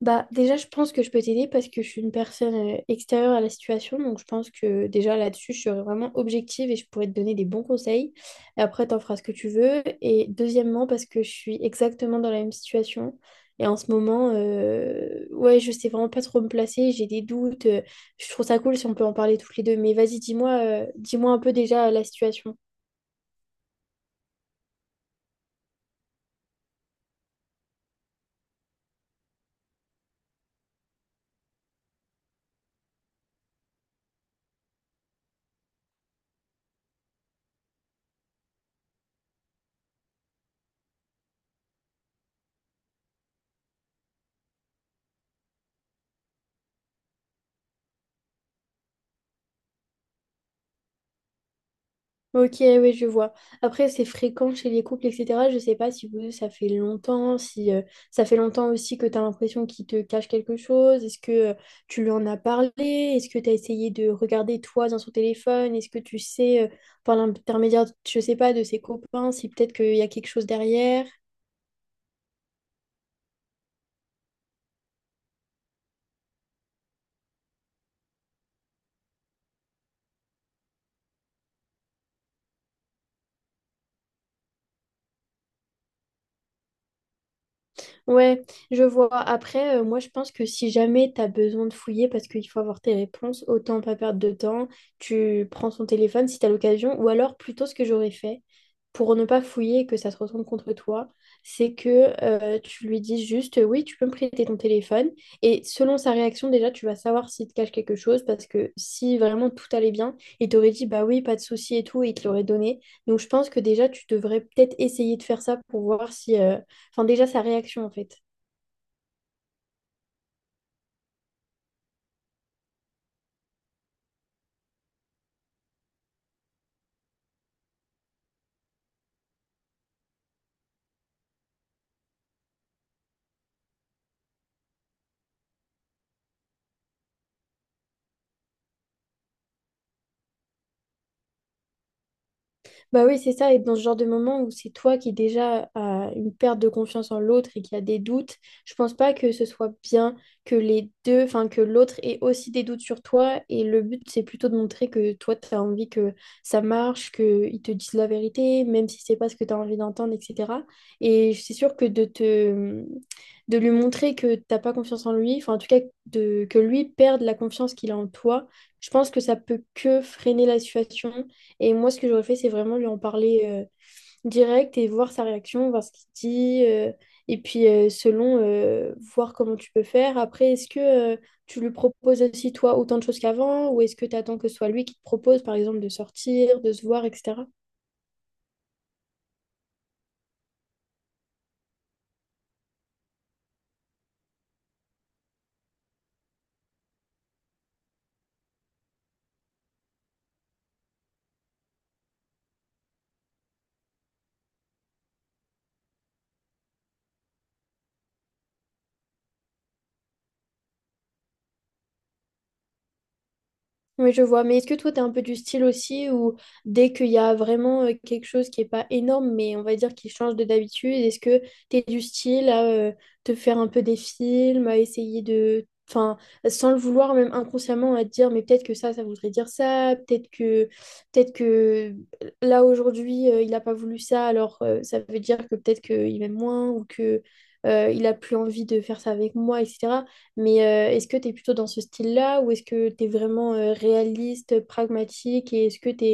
Bah, déjà, je pense que je peux t'aider parce que je suis une personne extérieure à la situation. Donc, je pense que déjà là-dessus, je serai vraiment objective et je pourrais te donner des bons conseils. Et après, t'en feras ce que tu veux. Et deuxièmement, parce que je suis exactement dans la même situation. Et en ce moment, ouais, je sais vraiment pas trop me placer. J'ai des doutes. Je trouve ça cool si on peut en parler toutes les deux. Mais vas-y, dis-moi, dis-moi un peu déjà la situation. Ok, oui, je vois. Après, c'est fréquent chez les couples, etc. Je sais pas si vous, ça fait longtemps, si ça fait longtemps aussi que tu as l'impression qu'il te cache quelque chose. Est-ce que tu lui en as parlé? Est-ce que tu as essayé de regarder toi dans son téléphone? Est-ce que tu sais, par l'intermédiaire, je sais pas, de ses copains, si peut-être qu'il y a quelque chose derrière? Ouais, je vois. Après, moi, je pense que si jamais tu as besoin de fouiller parce qu'il faut avoir tes réponses, autant pas perdre de temps. Tu prends son téléphone si tu as l'occasion. Ou alors, plutôt, ce que j'aurais fait pour ne pas fouiller et que ça se retourne contre toi, c'est que tu lui dis juste oui, tu peux me prêter ton téléphone. Et selon sa réaction, déjà, tu vas savoir s'il te cache quelque chose parce que si vraiment tout allait bien, il t'aurait dit bah oui, pas de souci et tout, et il te l'aurait donné. Donc, je pense que déjà, tu devrais peut-être essayer de faire ça pour voir si. Enfin, déjà, sa réaction, en fait. Bah oui, c'est ça. Et dans ce genre de moment où c'est toi qui déjà as une perte de confiance en l'autre et qui a des doutes, je pense pas que ce soit bien que les deux, enfin, que l'autre ait aussi des doutes sur toi. Et le but, c'est plutôt de montrer que toi, tu as envie que ça marche, qu'ils te disent la vérité, même si c'est pas ce que tu as envie d'entendre, etc. Et c'est sûr que de lui montrer que t'as pas confiance en lui, enfin en tout cas de, que lui perde la confiance qu'il a en toi, je pense que ça peut que freiner la situation. Et moi, ce que j'aurais fait, c'est vraiment lui en parler direct et voir sa réaction, voir ce qu'il dit. Et puis, selon, voir comment tu peux faire. Après, est-ce que tu lui proposes aussi, toi, autant de choses qu'avant? Ou est-ce que tu attends que ce soit lui qui te propose, par exemple, de sortir, de se voir, etc. Oui, je vois. Mais est-ce que toi, tu es un peu du style aussi où dès qu'il y a vraiment quelque chose qui n'est pas énorme, mais on va dire qui change de d'habitude, est-ce que tu es du style à te faire un peu des films, à essayer de... Enfin, sans le vouloir, même inconsciemment, à te dire, mais peut-être que ça voudrait dire ça, peut-être que là, aujourd'hui, il n'a pas voulu ça, alors ça veut dire que peut-être qu'il m'aime moins ou que il a plus envie de faire ça avec moi, etc. Mais est-ce que tu es plutôt dans ce style-là ou est-ce que tu es vraiment réaliste, pragmatique et est-ce que tu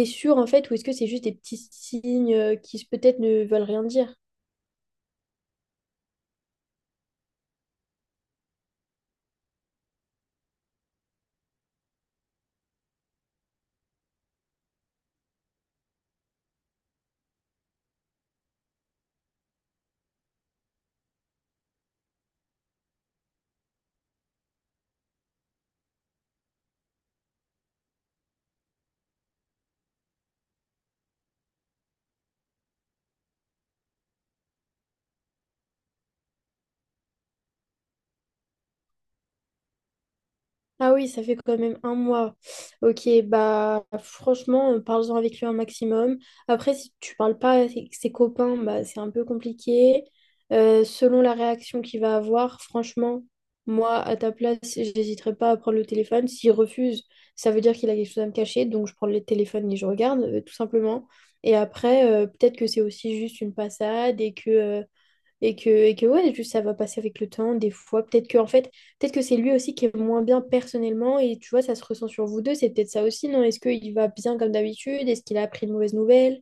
es, sûr en fait ou est-ce que c'est juste des petits signes qui peut-être ne veulent rien dire? Ah oui, ça fait quand même 1 mois. Ok, bah franchement, parle-en avec lui un maximum. Après, si tu parles pas avec ses copains, bah c'est un peu compliqué. Selon la réaction qu'il va avoir, franchement, moi, à ta place, j'hésiterai pas à prendre le téléphone. S'il refuse, ça veut dire qu'il a quelque chose à me cacher, donc je prends le téléphone et je regarde, tout simplement. Et après, peut-être que c'est aussi juste une passade et que ouais, juste ça va passer avec le temps, des fois. Peut-être que, en fait, peut-être que c'est lui aussi qui est moins bien personnellement et tu vois, ça se ressent sur vous deux. C'est peut-être ça aussi, non? Est-ce qu'il va bien comme d'habitude? Est-ce qu'il a appris une mauvaise nouvelle?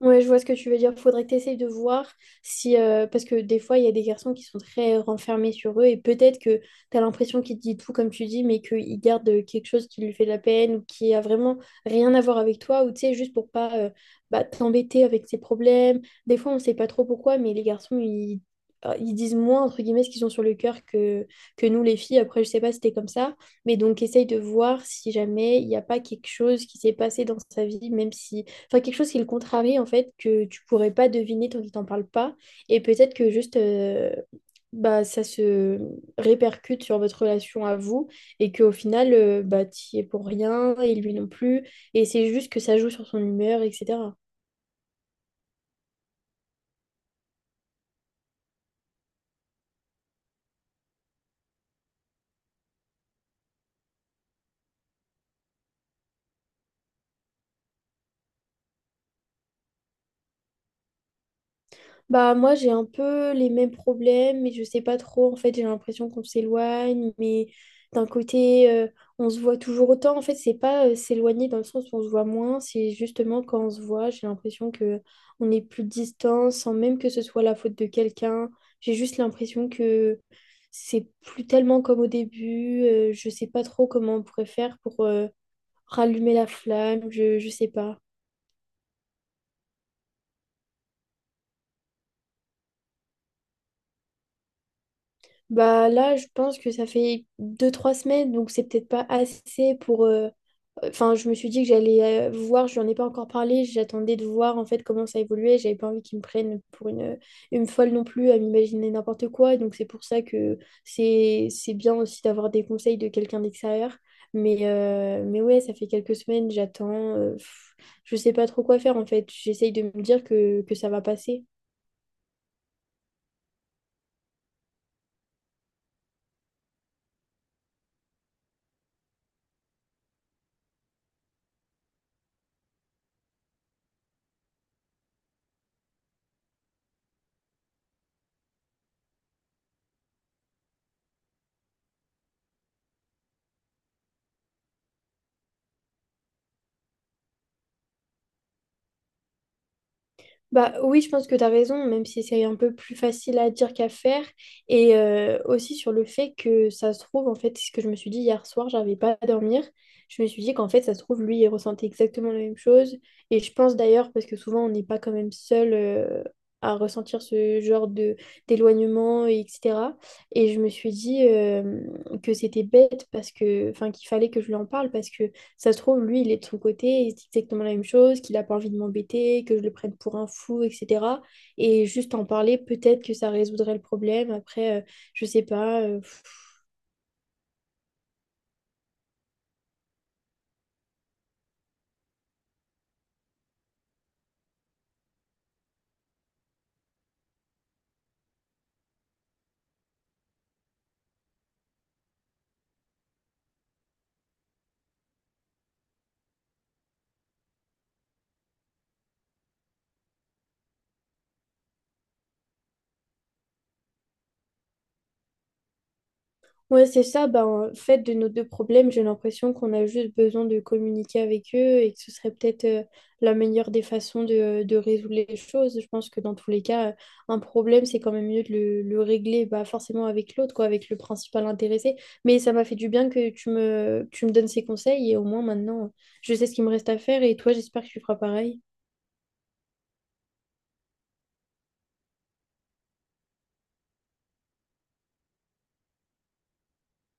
Ouais, je vois ce que tu veux dire. Faudrait que tu essayes de voir si. Parce que des fois, il y a des garçons qui sont très renfermés sur eux et peut-être que tu as l'impression qu'il te dit tout comme tu dis, mais qu'il garde quelque chose qui lui fait de la peine ou qui a vraiment rien à voir avec toi ou tu sais, juste pour pas bah, t'embêter avec ses problèmes. Des fois, on sait pas trop pourquoi, mais les garçons, ils disent moins, entre guillemets, ce qu'ils ont sur le cœur que nous, les filles. Après, je sais pas si t'es comme ça, mais donc essaye de voir si jamais il n'y a pas quelque chose qui s'est passé dans sa vie, même si. Enfin, quelque chose qui le contrarie, en fait, que tu pourrais pas deviner tant qu'il t'en parle pas. Et peut-être que juste, bah, ça se répercute sur votre relation à vous et qu'au final, bah, t'y es pour rien et lui non plus. Et c'est juste que ça joue sur son humeur, etc. Bah moi j'ai un peu les mêmes problèmes mais je sais pas trop en fait. J'ai l'impression qu'on s'éloigne mais d'un côté on se voit toujours autant en fait. C'est pas s'éloigner dans le sens où on se voit moins. C'est justement quand on se voit j'ai l'impression que on est plus distant sans même que ce soit la faute de quelqu'un. J'ai juste l'impression que c'est plus tellement comme au début. Je sais pas trop comment on pourrait faire pour rallumer la flamme. Je sais pas. Bah là, je pense que ça fait 2 3 semaines, donc c'est peut-être pas assez pour... Enfin, je me suis dit que j'allais voir. Je n'en ai pas encore parlé, j'attendais de voir en fait comment ça évoluait. J'avais pas envie qu'ils me prennent pour une folle non plus à m'imaginer n'importe quoi, donc c'est pour ça que c'est bien aussi d'avoir des conseils de quelqu'un d'extérieur. Mais ouais, ça fait quelques semaines, j'attends, euh, pff, je sais pas trop quoi faire en fait, j'essaye de me dire que ça va passer. Bah oui, je pense que tu as raison, même si c'est un peu plus facile à dire qu'à faire. Et aussi sur le fait que ça se trouve, en fait, c'est ce que je me suis dit hier soir, j'arrivais pas à dormir. Je me suis dit qu'en fait, ça se trouve, lui, il ressentait exactement la même chose. Et je pense d'ailleurs, parce que souvent, on n'est pas quand même seul à ressentir ce genre de d'éloignement, et etc. Et je me suis dit que c'était bête parce que, enfin, qu'il fallait que je lui en parle parce que ça se trouve, lui, il est de son côté, il se dit exactement la même chose, qu'il n'a pas envie de m'embêter, que je le prenne pour un fou, etc. Et juste en parler, peut-être que ça résoudrait le problème. Après, je sais pas, Ouais, c'est ça. Ben, en fait, de nos deux problèmes, j'ai l'impression qu'on a juste besoin de communiquer avec eux et que ce serait peut-être la meilleure des façons de résoudre les choses. Je pense que dans tous les cas, un problème, c'est quand même mieux de le régler bah, forcément avec l'autre, quoi, avec le principal intéressé. Mais ça m'a fait du bien que tu me donnes ces conseils et au moins maintenant, je sais ce qu'il me reste à faire et toi, j'espère que tu feras pareil.